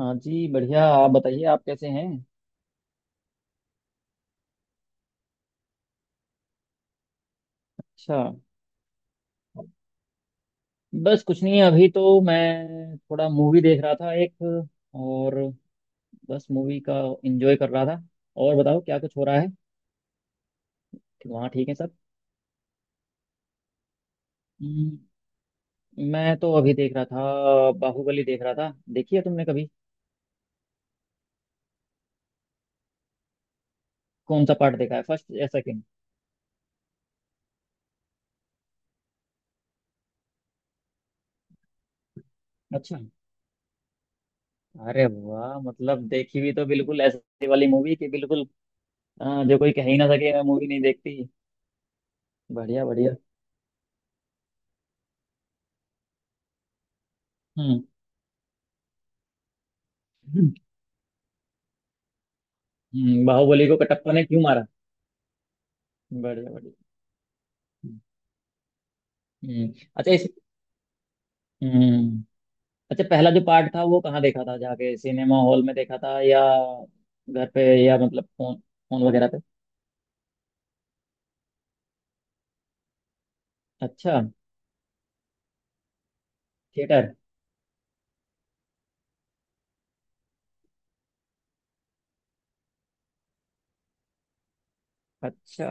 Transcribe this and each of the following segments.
हाँ जी, बढ़िया। आप बताइए, आप कैसे हैं? अच्छा। बस कुछ नहीं, अभी तो मैं थोड़ा मूवी देख रहा था एक। और बस मूवी का एंजॉय कर रहा था। और बताओ, क्या कुछ हो रहा है? वहाँ ठीक है सब। हम्म, मैं तो अभी देख रहा था, बाहुबली देख रहा था। देखी है तुमने कभी? कौन सा पार्ट देखा है, फर्स्ट या सेकंड? अच्छा। अरे वाह, मतलब देखी भी तो बिल्कुल ऐसी वाली मूवी कि बिल्कुल, जो कोई कह ही ना सके मैं मूवी नहीं देखती। बढ़िया बढ़िया। हम्म, बाहुबली को कटप्पा ने क्यों मारा? बढ़िया बढ़िया। हम्म। अच्छा, इस... हम्म। अच्छा, पहला जो पार्ट था वो कहाँ देखा था? जाके सिनेमा हॉल में देखा था, या घर पे, या मतलब फोन, फोन वगैरह पे। अच्छा। थिएटर। अच्छा।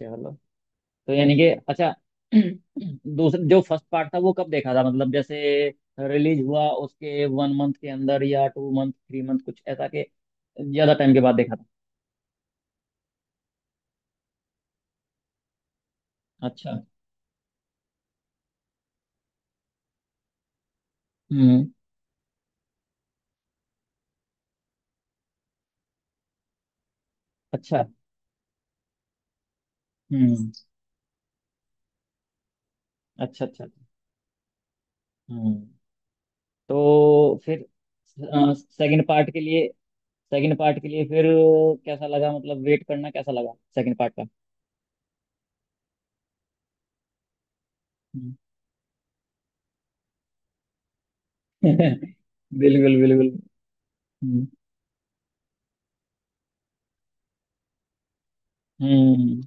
चलो। तो यानी कि, अच्छा। दूसरा जो फर्स्ट पार्ट था वो कब देखा था, मतलब जैसे रिलीज हुआ उसके 1 मंथ के अंदर, या 2 मंथ 3 मंथ, कुछ ऐसा के ज्यादा टाइम के बाद देखा था? अच्छा। हम्म। अच्छा। हम्म। अच्छा, अच्छा, अच्छा। हम्म। तो फिर सेकंड पार्ट के लिए, सेकंड पार्ट के लिए फिर कैसा लगा, मतलब वेट करना कैसा लगा सेकंड पार्ट का? हम्म। बिल्कुल बिल्कुल। हम्म, हम्म।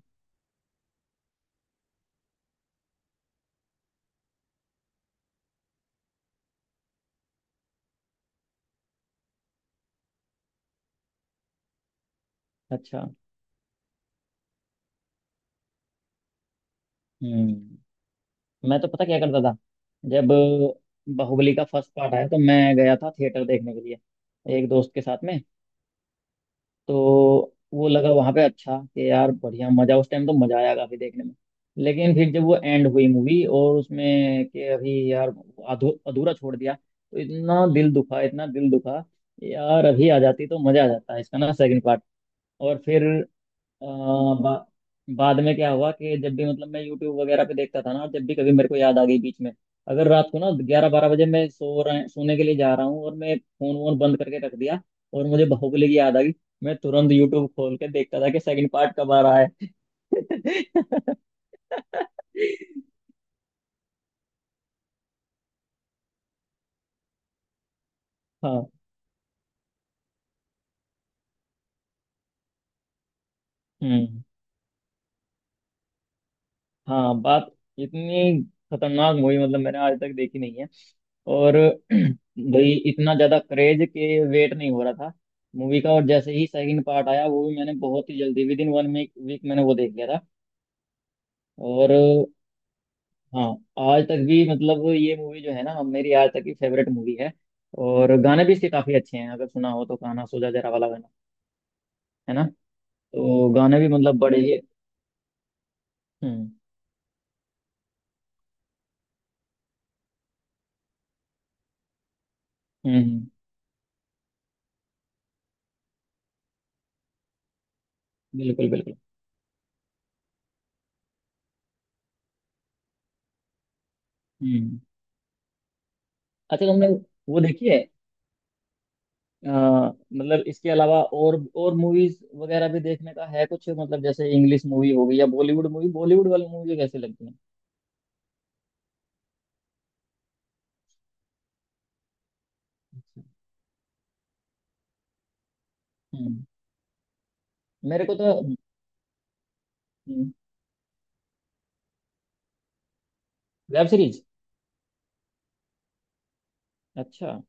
अच्छा। हम्म। मैं तो पता क्या करता था, जब बाहुबली का फर्स्ट पार्ट आया तो मैं गया था थिएटर देखने के लिए, एक दोस्त के साथ में। तो वो लगा वहां पे अच्छा कि यार, बढ़िया मजा, उस टाइम तो मजा आया काफी देखने में। लेकिन फिर जब वो एंड हुई मूवी, और उसमें कि अभी यार अधूरा छोड़ दिया, तो इतना दिल दुखा, इतना दिल दुखा। यार, अभी आ जाती तो मजा आ जाता है इसका ना सेकंड पार्ट। और फिर अ, बा, बाद में क्या हुआ कि जब भी मतलब मैं यूट्यूब वगैरह पे देखता था ना, जब भी कभी मेरे को याद आ गई बीच में, अगर रात को ना 11-12 बजे मैं सो रहा, सोने के लिए जा रहा हूँ और मैं फोन वोन बंद करके रख दिया, और मुझे बाहुबली की याद आ गई, मैं तुरंत यूट्यूब खोल के देखता था कि सेकंड पार्ट कब आ रहा है। हाँ। हम्म। हाँ, बात... इतनी खतरनाक मूवी मतलब मैंने आज तक देखी नहीं है। और भाई, इतना ज्यादा क्रेज के वेट नहीं हो रहा था मूवी का, और जैसे ही सेकंड पार्ट आया वो भी मैंने बहुत ही जल्दी, विद इन 1 वीक मैंने वो देख लिया था। और हाँ, आज तक भी मतलब ये मूवी जो है ना, मेरी आज तक की फेवरेट मूवी है। और गाने भी इसके काफी अच्छे हैं, अगर सुना हो तो गाना सोजा जरा वाला गाना, है ना? तो गाने भी मतलब बड़े ही... हम्म, हम्म, हम्म। बिल्कुल बिल्कुल। हम्म। अच्छा, तुमने वो देखी है? अ, मतलब इसके अलावा और मूवीज वगैरह भी देखने का है कुछ, मतलब जैसे इंग्लिश मूवी हो गई या बॉलीवुड मूवी, बॉलीवुड वाली मूवी कैसे लगती है? अच्छा। हम्म। मेरे को तो वेब सीरीज... अच्छा,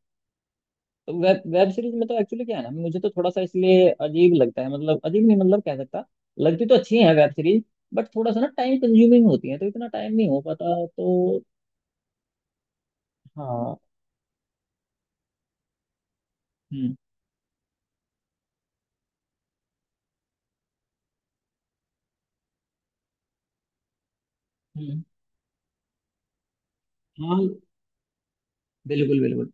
तो वेब वेब सीरीज में तो एक्चुअली क्या है ना, मुझे तो थोड़ा सा इसलिए अजीब लगता है, मतलब अजीब नहीं मतलब कह सकता, लगती तो अच्छी है वेब सीरीज। बट थोड़ा सा ना टाइम कंज्यूमिंग होती है, तो इतना टाइम नहीं हो पाता, तो... हाँ। हम्म, हम्म। हाँ, बिल्कुल बिल्कुल।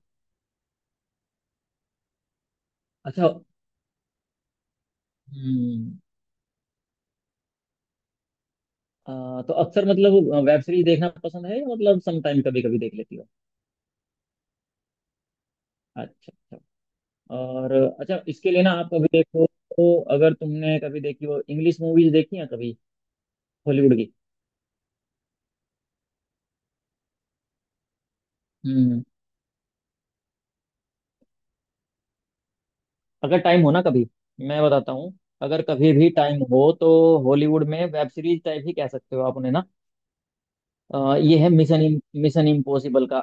अच्छा। हम्म। तो अक्सर मतलब वेब सीरीज देखना पसंद है, या मतलब सम टाइम कभी कभी देख लेती हो? अच्छा अच्छा। और अच्छा, इसके लिए ना आप कभी देखो, तो अगर तुमने कभी देखी हो, इंग्लिश मूवीज देखी हैं कभी, हॉलीवुड की? हम्म। अगर टाइम हो ना कभी, मैं बताता हूँ, अगर कभी भी टाइम हो तो हॉलीवुड में वेब सीरीज टाइप ही कह सकते हो आप उन्हें ना। ये है मिशन, इम्पॉसिबल का।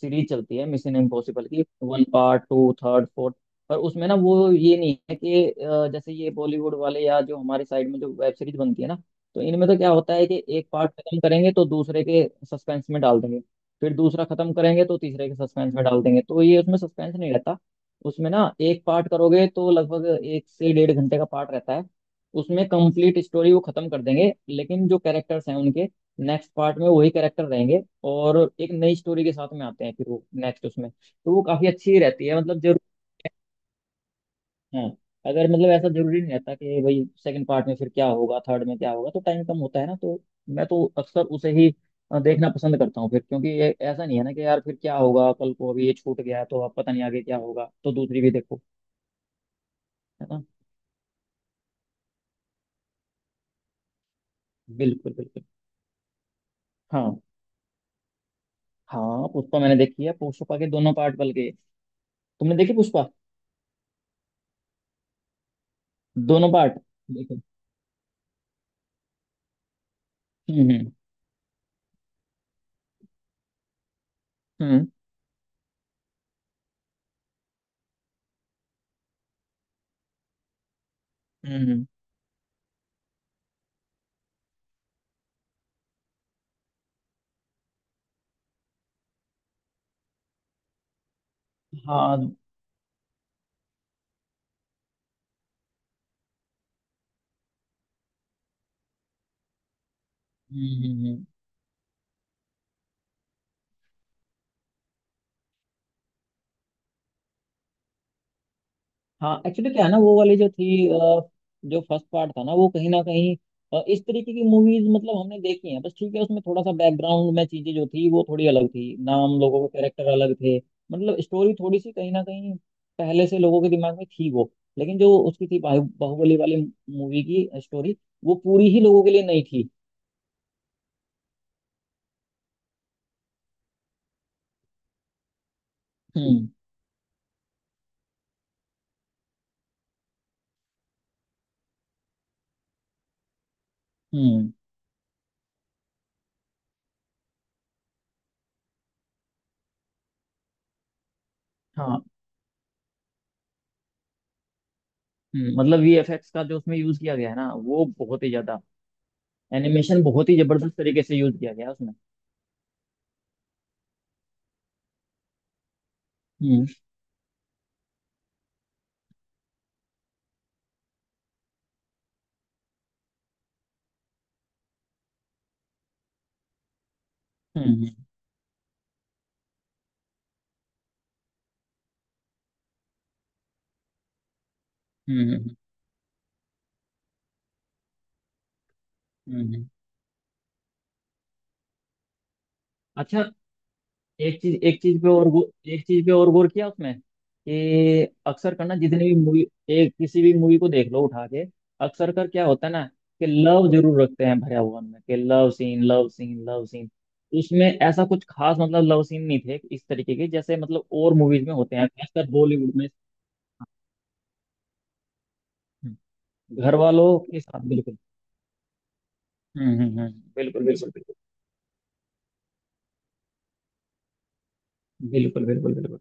सीरीज चलती है मिशन इम्पॉसिबल की, one part two third fourth. पर उसमें ना वो ये नहीं है कि, जैसे ये बॉलीवुड वाले या जो हमारे साइड में जो वेब सीरीज बनती है ना, तो इनमें तो क्या होता है कि एक पार्ट खत्म करेंगे तो दूसरे के सस्पेंस में डाल देंगे, फिर दूसरा खत्म करेंगे तो तीसरे के सस्पेंस में डाल देंगे। तो ये उसमें सस्पेंस नहीं रहता, उसमें ना एक पार्ट करोगे तो लगभग एक से डेढ़ घंटे का पार्ट रहता है, उसमें कंप्लीट स्टोरी वो खत्म कर देंगे, लेकिन जो कैरेक्टर्स हैं उनके नेक्स्ट पार्ट में वही कैरेक्टर रहेंगे, और एक नई स्टोरी के साथ में आते हैं फिर वो नेक्स्ट। उसमें तो वो काफी अच्छी रहती है, मतलब जरूर। हाँ। अगर मतलब ऐसा जरूरी नहीं रहता कि भाई सेकंड पार्ट में फिर क्या होगा, थर्ड में क्या होगा, तो टाइम कम होता है ना, तो मैं तो अक्सर उसे ही देखना पसंद करता हूँ फिर, क्योंकि ये ऐसा नहीं है ना कि यार फिर क्या होगा कल को, अभी ये छूट गया है तो अब पता नहीं आगे क्या होगा तो दूसरी भी देखो, है ना? बिल्कुल बिल्कुल। हाँ। हाँ पुष्पा मैंने देखी है, पुष्पा के दोनों पार्ट बल्कि। तुमने देखी पुष्पा? दोनों पार्ट, बिल्कुल। हम्म, हम्म, हम्म। हम्म। हाँ। हम्म, हम्म, हम्म। हाँ, एक्चुअली क्या है ना वो वाली जो थी, जो फर्स्ट पार्ट था ना वो कहीं ना कहीं, इस तरीके की मूवीज मतलब हमने देखी हैं बस, ठीक है। उसमें थोड़ा सा बैकग्राउंड में चीजें जो थी वो थोड़ी अलग थी, नाम लोगों के कैरेक्टर अलग थे, मतलब स्टोरी थोड़ी सी कहीं ना कहीं पहले से लोगों के दिमाग में थी वो, लेकिन जो उसकी थी बाहुबली वाली मूवी की स्टोरी वो पूरी ही लोगों के लिए नई थी। हम्म, हम्म। हाँ। मतलब VFX का जो उसमें यूज किया गया है ना वो बहुत ही ज्यादा एनिमेशन बहुत ही जबरदस्त तरीके से यूज किया गया उसमें। हम्म, हम्म, हम्म, हम्म, अच्छा। एक चीज एक चीज पे और गौ- एक चीज पे और गौर किया उसमें कि अक्सर करना जितनी भी मूवी, एक किसी भी मूवी को देख लो उठा के, अक्सर कर क्या होता है ना, कि लव जरूर रखते हैं भरा हुआ उनमें कि love scene, love scene, love scene. उसमें ऐसा कुछ खास मतलब लव सीन नहीं थे इस तरीके के, जैसे मतलब और मूवीज में होते हैं खासकर बॉलीवुड में। हम्म। घर वालों के साथ बिल्कुल। हम्म, हम्म, हम्म, बिल्कुल बिल्कुल बिल्कुल। बिल्कुल। बिल्कुल बिल्कुल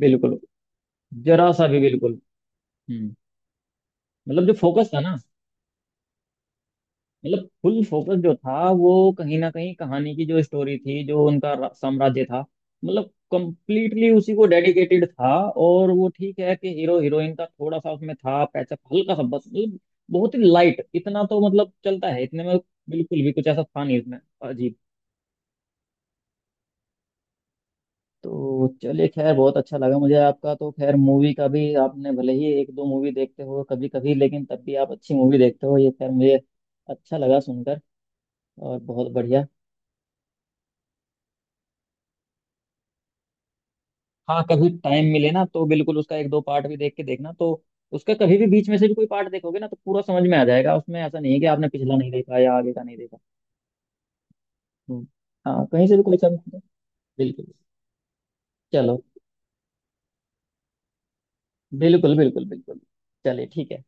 बिल्कुल। जरा सा भी बिल्कुल। हम्म। मतलब जो फोकस था ना, मतलब फुल फोकस जो था वो कहीं ना कहीं कहानी की जो स्टोरी थी, जो उनका साम्राज्य था, मतलब कंप्लीटली उसी को डेडिकेटेड था। और वो ठीक है कि हीरो हीरोइन का थोड़ा सा उसमें था पैचअप हल्का सा बस, मतलब बहुत ही लाइट, इतना तो मतलब चलता है इतने में। बिल्कुल भी कुछ ऐसा था नहीं इसमें अजीब। तो चलिए खैर, बहुत अच्छा लगा मुझे आपका, तो खैर मूवी का भी आपने भले ही एक दो मूवी देखते हो कभी कभी, लेकिन तब भी आप अच्छी मूवी देखते हो, ये खैर मुझे अच्छा लगा सुनकर। और बहुत बढ़िया। हाँ, कभी टाइम मिले ना तो बिल्कुल उसका एक दो पार्ट भी देख के देखना तो। उसका कभी भी बीच में से भी कोई पार्ट देखोगे ना तो पूरा समझ में आ जाएगा, उसमें ऐसा नहीं है कि आपने पिछला नहीं देखा या आगे का नहीं देखा। हम्म। हाँ, कहीं से भी कोई समझ... बिल्कुल। चलो, बिल्कुल बिल्कुल बिल्कुल। चलिए ठीक है।